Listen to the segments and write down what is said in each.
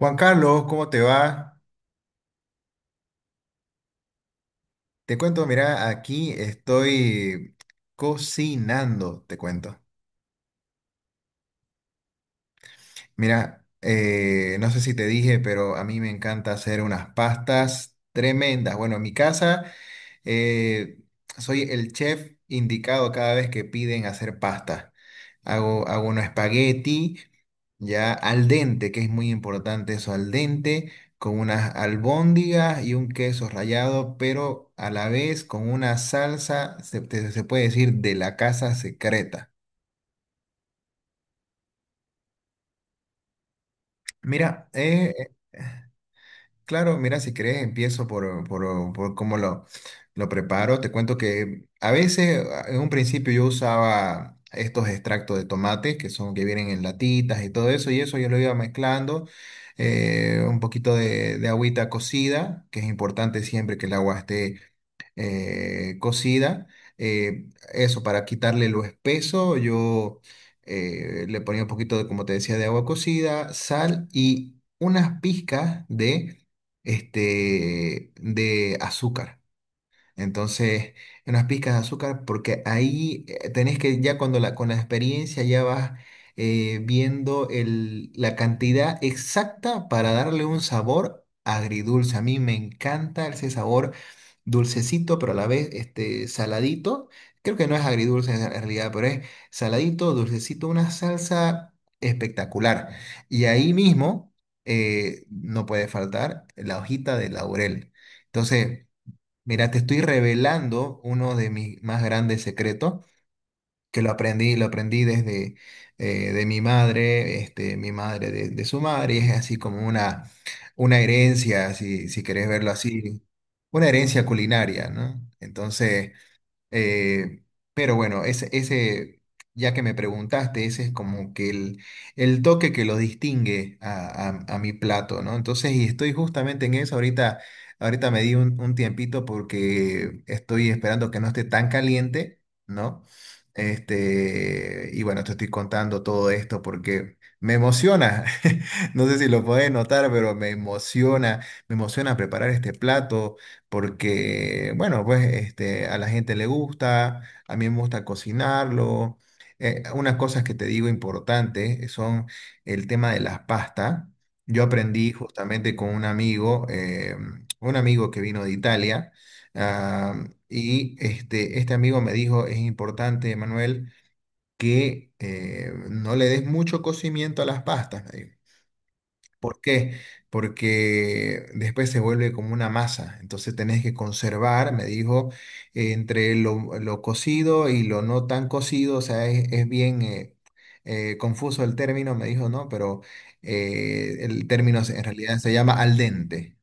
Juan Carlos, ¿cómo te va? Te cuento, mira, aquí estoy cocinando, te cuento. Mira, no sé si te dije, pero a mí me encanta hacer unas pastas tremendas. Bueno, en mi casa eh, soy el chef indicado cada vez que piden hacer pasta. Hago un espagueti ya al dente, que es muy importante eso, al dente, con unas albóndigas y un queso rallado, pero a la vez con una salsa, se puede decir, de la casa secreta. Mira, claro, mira, si querés empiezo por cómo lo preparo. Te cuento que a veces, en un principio yo usaba estos extractos de tomate que son que vienen en latitas y todo eso, y eso yo lo iba mezclando, un poquito de agüita cocida, que es importante siempre que el agua esté cocida. Eh, eso, para quitarle lo espeso, yo le ponía un poquito de, como te decía, de agua cocida, sal y unas pizcas de, de azúcar. Entonces, unas pizcas de azúcar, porque ahí tenés que ya cuando con la experiencia ya vas viendo la cantidad exacta para darle un sabor agridulce. A mí me encanta ese sabor dulcecito, pero a la vez este, saladito. Creo que no es agridulce en realidad, pero es saladito, dulcecito, una salsa espectacular. Y ahí mismo no puede faltar la hojita de laurel. Entonces, mira, te estoy revelando uno de mis más grandes secretos, que lo aprendí desde de mi madre, este, mi madre de su madre, y es así como una herencia, si querés verlo así, una herencia culinaria, ¿no? Entonces, eh, pero bueno, ya que me preguntaste, ese es como que el toque que lo distingue a mi plato, ¿no? Entonces, y estoy justamente en eso. Ahorita, ahorita me di un tiempito porque estoy esperando que no esté tan caliente, ¿no? Este, y bueno, te estoy contando todo esto porque me emociona. No sé si lo puedes notar, pero me emociona preparar este plato porque, bueno, pues este, a la gente le gusta, a mí me gusta cocinarlo. Unas cosas que te digo importantes son el tema de las pastas. Yo aprendí justamente con un amigo que vino de Italia, ah, y este amigo me dijo, es importante, Manuel, que no le des mucho cocimiento a las pastas. ¿Por qué? Porque después se vuelve como una masa. Entonces tenés que conservar, me dijo, entre lo cocido y lo no tan cocido. O sea, es bien confuso el término, me dijo, ¿no? Pero el término en realidad se llama al dente.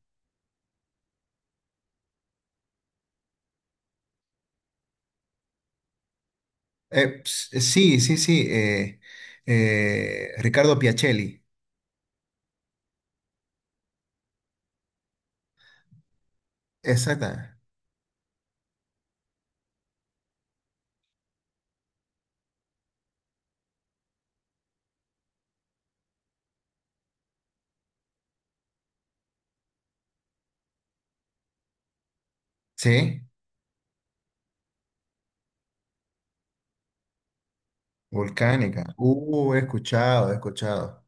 Sí, sí, sí. Ricardo Piacelli. Exacta. Sí, volcánica. He escuchado, he escuchado.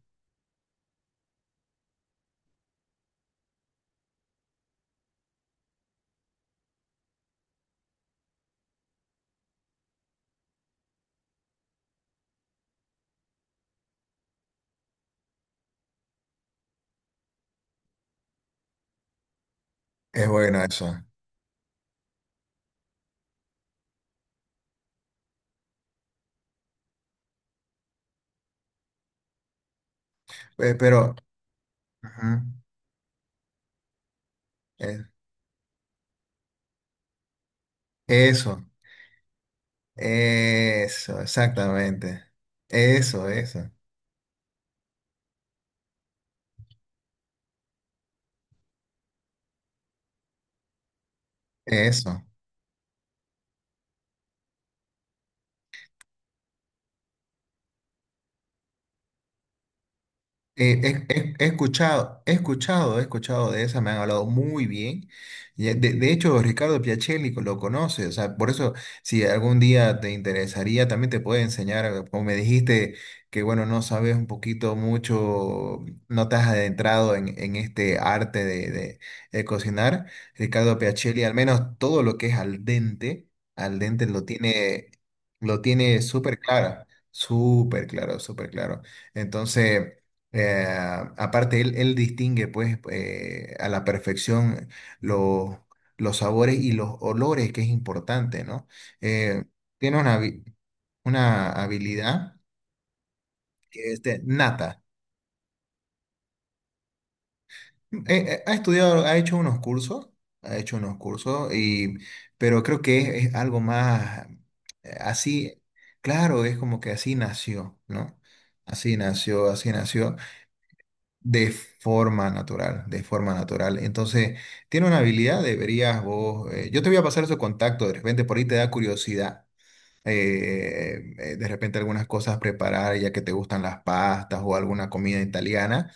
Es bueno eso. Eh, pero... ujú. Eh, Eso, eso, exactamente. Eso, eso, eso. Eh, he, he escuchado, he escuchado, he escuchado de esa, me han hablado muy bien. Y, de hecho, Ricardo Piacelli lo conoce, o sea, por eso, si algún día te interesaría, también te puede enseñar, como me dijiste, que bueno, no sabes un poquito mucho, no te has adentrado en este arte de cocinar. Ricardo Piacelli, al menos todo lo que es al dente lo tiene súper claro, súper claro, súper claro. Entonces... Eh, aparte, él distingue pues a la perfección los, los sabores y los olores, que es importante, ¿no? Eh, tiene una, una habilidad que es de nata. Ha estudiado, ha hecho unos cursos, ha hecho unos cursos, y, pero creo que es algo más así, claro, es como que así nació, ¿no? Así nació, así nació. De forma natural, de forma natural. Entonces, tiene una habilidad, deberías vos. Yo te voy a pasar su contacto, de repente por ahí te da curiosidad. De repente algunas cosas preparar, ya que te gustan las pastas o alguna comida italiana.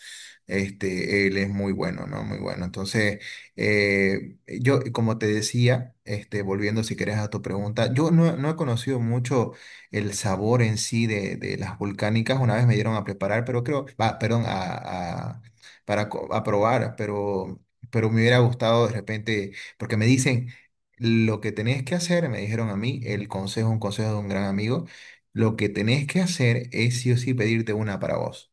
Este, él es muy bueno, ¿no? Muy bueno. Entonces, yo, como te decía, este, volviendo si querés a tu pregunta, yo no he conocido mucho el sabor en sí de las volcánicas. Una vez me dieron a preparar, pero creo, va, perdón, para a probar, pero me hubiera gustado de repente, porque me dicen, lo que tenés que hacer, me dijeron a mí, el consejo, un consejo de un gran amigo, lo que tenés que hacer es sí o sí pedirte una para vos.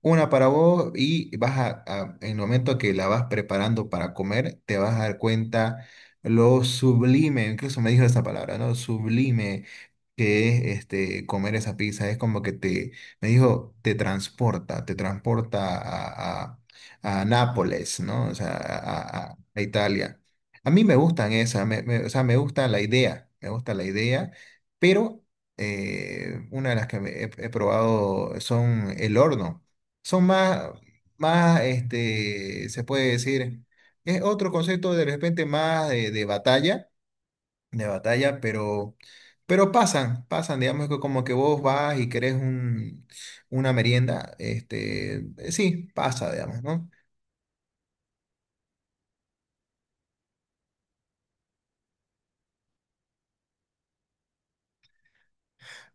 Una para vos y vas en el momento que la vas preparando para comer, te vas a dar cuenta lo sublime, incluso me dijo esa palabra, ¿no? Sublime que es este, comer esa pizza, es como que te, me dijo, te transporta a Nápoles, ¿no? O sea, a Italia. A mí me gustan esas, o sea, me gusta la idea, me gusta la idea, pero una de las que me he probado son el horno. Son más, más, este, se puede decir, es otro concepto de repente más de batalla de batalla, pero pasan, pasan, digamos que como que vos vas y querés un, una merienda, este, sí, pasa, digamos, ¿no?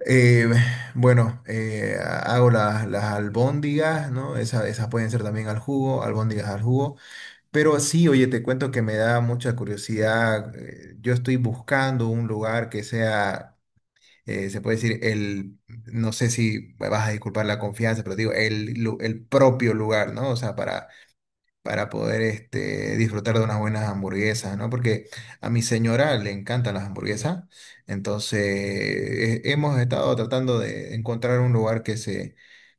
Eh, bueno, hago las albóndigas, ¿no? Esas, esas pueden ser también al jugo, albóndigas al jugo, pero sí, oye, te cuento que me da mucha curiosidad, yo estoy buscando un lugar que sea... Se puede decir no sé si me vas a disculpar la confianza, pero digo, el propio lugar, ¿no? O sea, para poder este, disfrutar de unas buenas hamburguesas, ¿no? Porque a mi señora le encantan las hamburguesas, entonces hemos estado tratando de encontrar un lugar que se,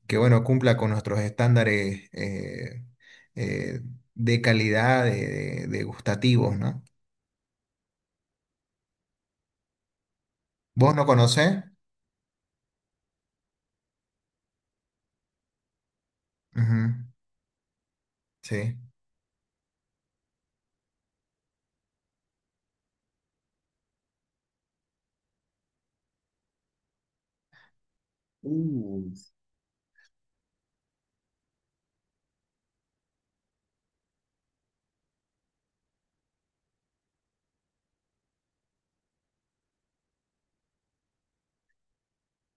que bueno, cumpla con nuestros estándares eh, de calidad, de, de gustativos, ¿no? ¿Vos no conocés? Ujú, sí.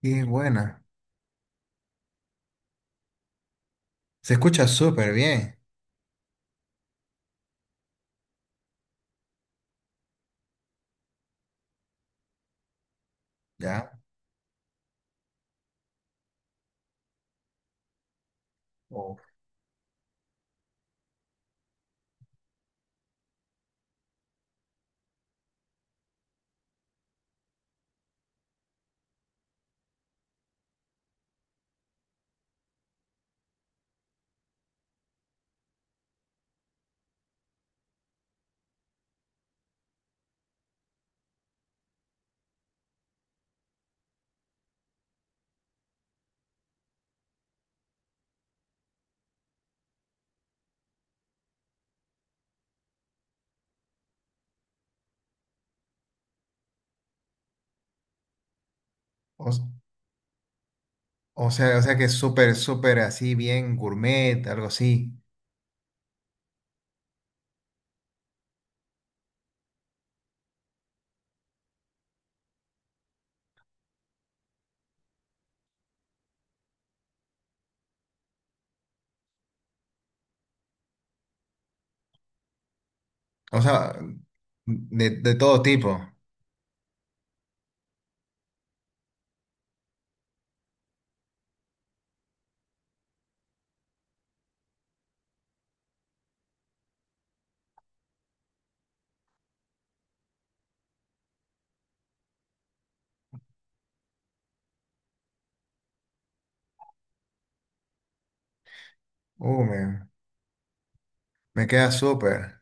Y es buena. Se escucha súper bien, ¿ya? O, o, o sea que es súper, súper así, bien gourmet, algo así. O sea, de todo tipo. Uh, me, Me queda súper.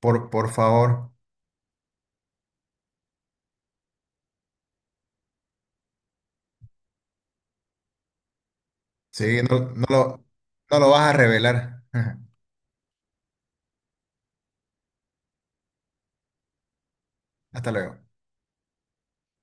Por favor. Sí, no lo, no lo vas a revelar. Hasta luego.